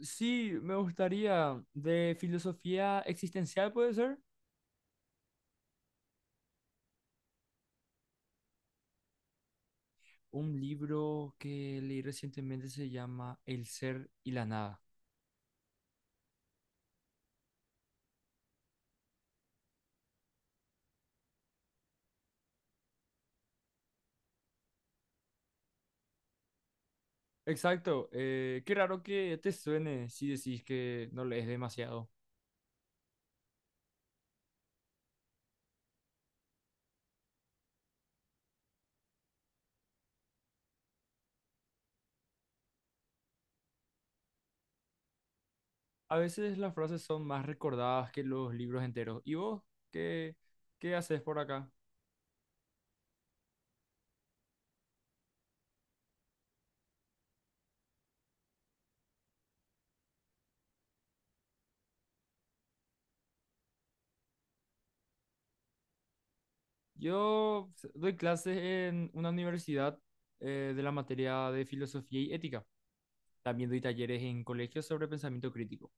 Sí, me gustaría. De filosofía existencial, puede ser. Un libro que leí recientemente se llama El ser y la nada. Exacto. Qué raro que te suene si decís que no lees demasiado. A veces las frases son más recordadas que los libros enteros. ¿Y vos qué, qué haces por acá? Yo doy clases en una universidad de la materia de filosofía y ética. También doy talleres en colegios sobre pensamiento crítico.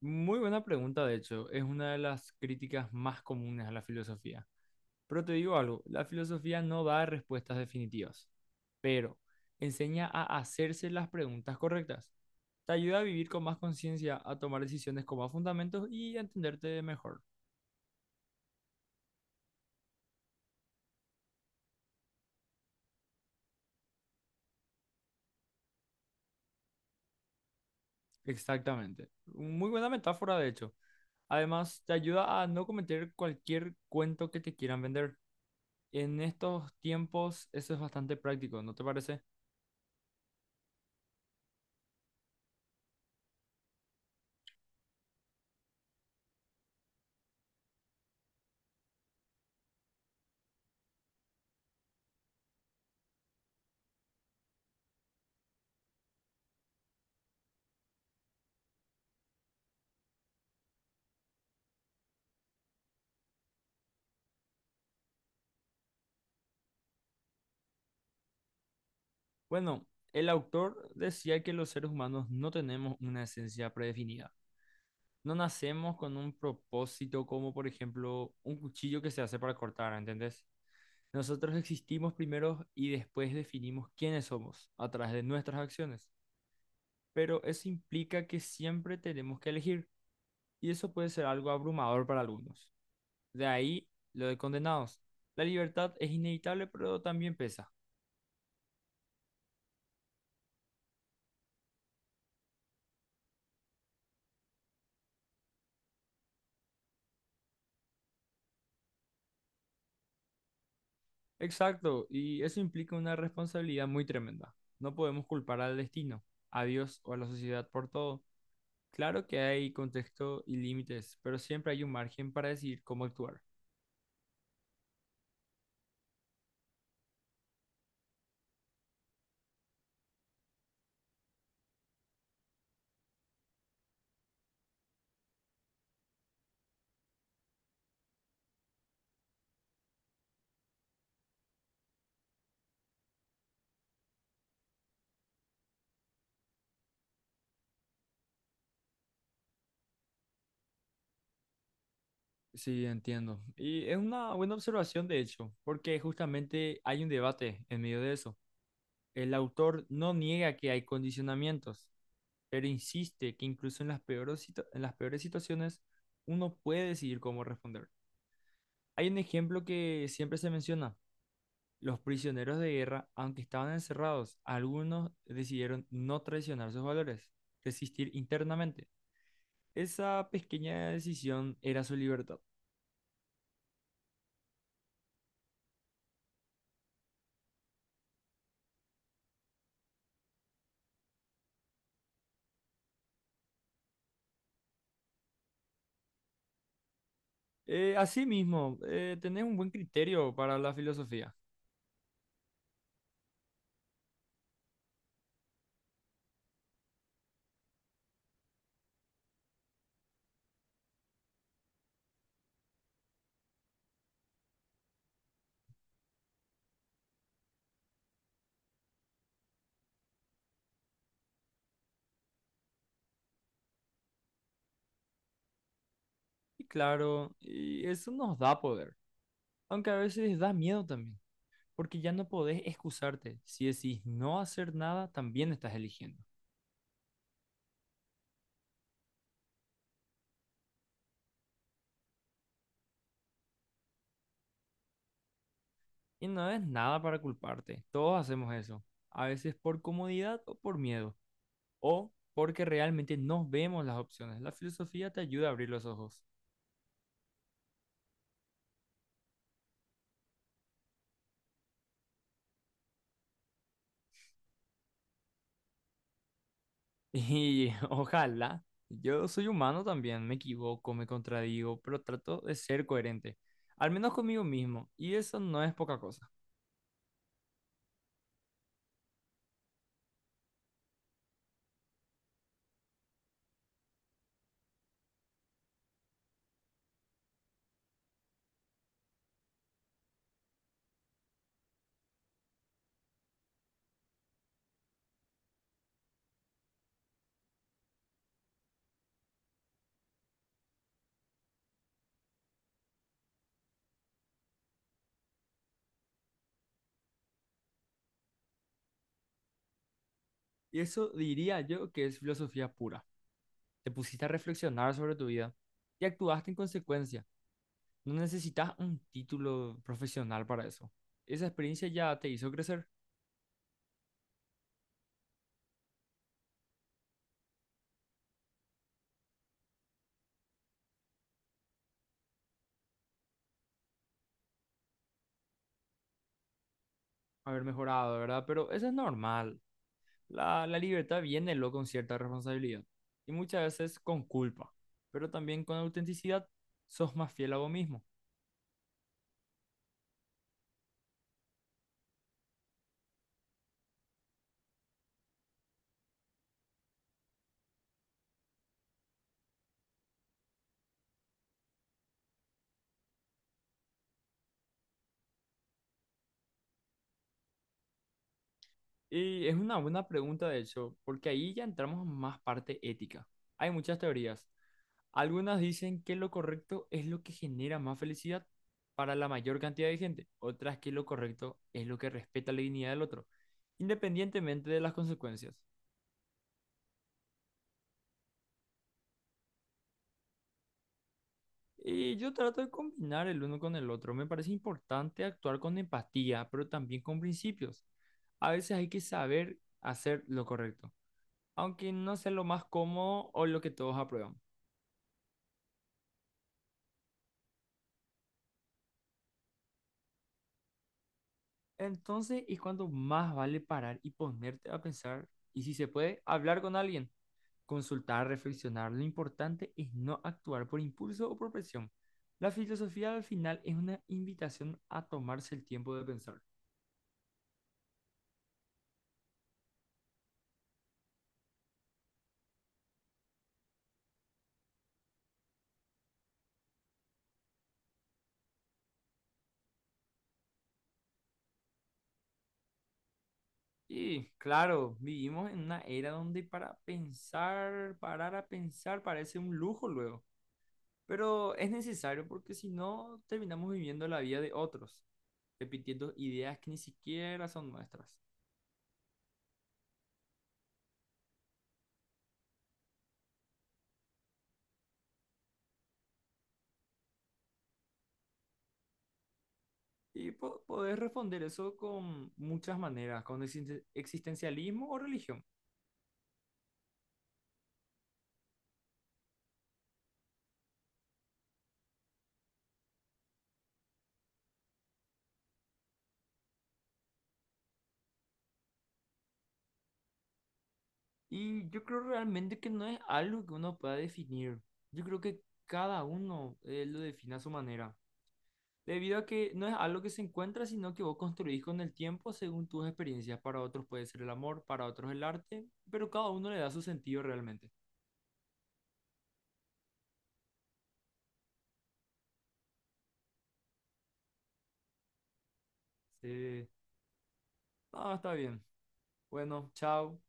Muy buena pregunta, de hecho, es una de las críticas más comunes a la filosofía. Pero te digo algo, la filosofía no da respuestas definitivas, pero enseña a hacerse las preguntas correctas. Te ayuda a vivir con más conciencia, a tomar decisiones con más fundamentos y a entenderte mejor. Exactamente. Muy buena metáfora, de hecho. Además, te ayuda a no cometer cualquier cuento que te quieran vender. En estos tiempos, eso es bastante práctico, ¿no te parece? Bueno, el autor decía que los seres humanos no tenemos una esencia predefinida. No nacemos con un propósito como, por ejemplo, un cuchillo que se hace para cortar, ¿entendés? Nosotros existimos primero y después definimos quiénes somos a través de nuestras acciones. Pero eso implica que siempre tenemos que elegir y eso puede ser algo abrumador para algunos. De ahí lo de condenados. La libertad es inevitable, pero también pesa. Exacto, y eso implica una responsabilidad muy tremenda. No podemos culpar al destino, a Dios o a la sociedad por todo. Claro que hay contexto y límites, pero siempre hay un margen para decidir cómo actuar. Sí, entiendo. Y es una buena observación, de hecho, porque justamente hay un debate en medio de eso. El autor no niega que hay condicionamientos, pero insiste que incluso en las peores, en las peores situaciones uno puede decidir cómo responder. Hay un ejemplo que siempre se menciona. Los prisioneros de guerra, aunque estaban encerrados, algunos decidieron no traicionar sus valores, resistir internamente. Esa pequeña decisión era su libertad. Asimismo, tenés un buen criterio para la filosofía. Y claro, y eso nos da poder, aunque a veces da miedo también, porque ya no podés excusarte. Si decís no hacer nada, también estás eligiendo. Y no es nada para culparte, todos hacemos eso, a veces por comodidad o por miedo o porque realmente no vemos las opciones. La filosofía te ayuda a abrir los ojos. Y ojalá, yo soy humano también, me equivoco, me contradigo, pero trato de ser coherente, al menos conmigo mismo, y eso no es poca cosa. Y eso diría yo que es filosofía pura. Te pusiste a reflexionar sobre tu vida y actuaste en consecuencia. No necesitas un título profesional para eso. Esa experiencia ya te hizo crecer, haber mejorado, ¿verdad? Pero eso es normal. La libertad viene luego con cierta responsabilidad y muchas veces con culpa, pero también con autenticidad sos más fiel a vos mismo. Y es una buena pregunta, de hecho, porque ahí ya entramos en más parte ética. Hay muchas teorías. Algunas dicen que lo correcto es lo que genera más felicidad para la mayor cantidad de gente, otras que lo correcto es lo que respeta la dignidad del otro, independientemente de las consecuencias. Y yo trato de combinar el uno con el otro. Me parece importante actuar con empatía, pero también con principios. A veces hay que saber hacer lo correcto, aunque no sea lo más cómodo o lo que todos aprueban. Entonces es cuando más vale parar y ponerte a pensar y si se puede, hablar con alguien, consultar, reflexionar. Lo importante es no actuar por impulso o por presión. La filosofía al final es una invitación a tomarse el tiempo de pensar. Y claro, vivimos en una era donde para pensar, parar a pensar, parece un lujo luego. Pero es necesario porque si no, terminamos viviendo la vida de otros, repitiendo ideas que ni siquiera son nuestras. Y podés responder eso con muchas maneras, con existencialismo o religión. Y yo creo realmente que no es algo que uno pueda definir. Yo creo que cada uno lo define a su manera. Debido a que no es algo que se encuentra, sino que vos construís con el tiempo según tus experiencias. Para otros puede ser el amor, para otros el arte, pero cada uno le da su sentido realmente. Sí. Ah, está bien. Bueno, chao.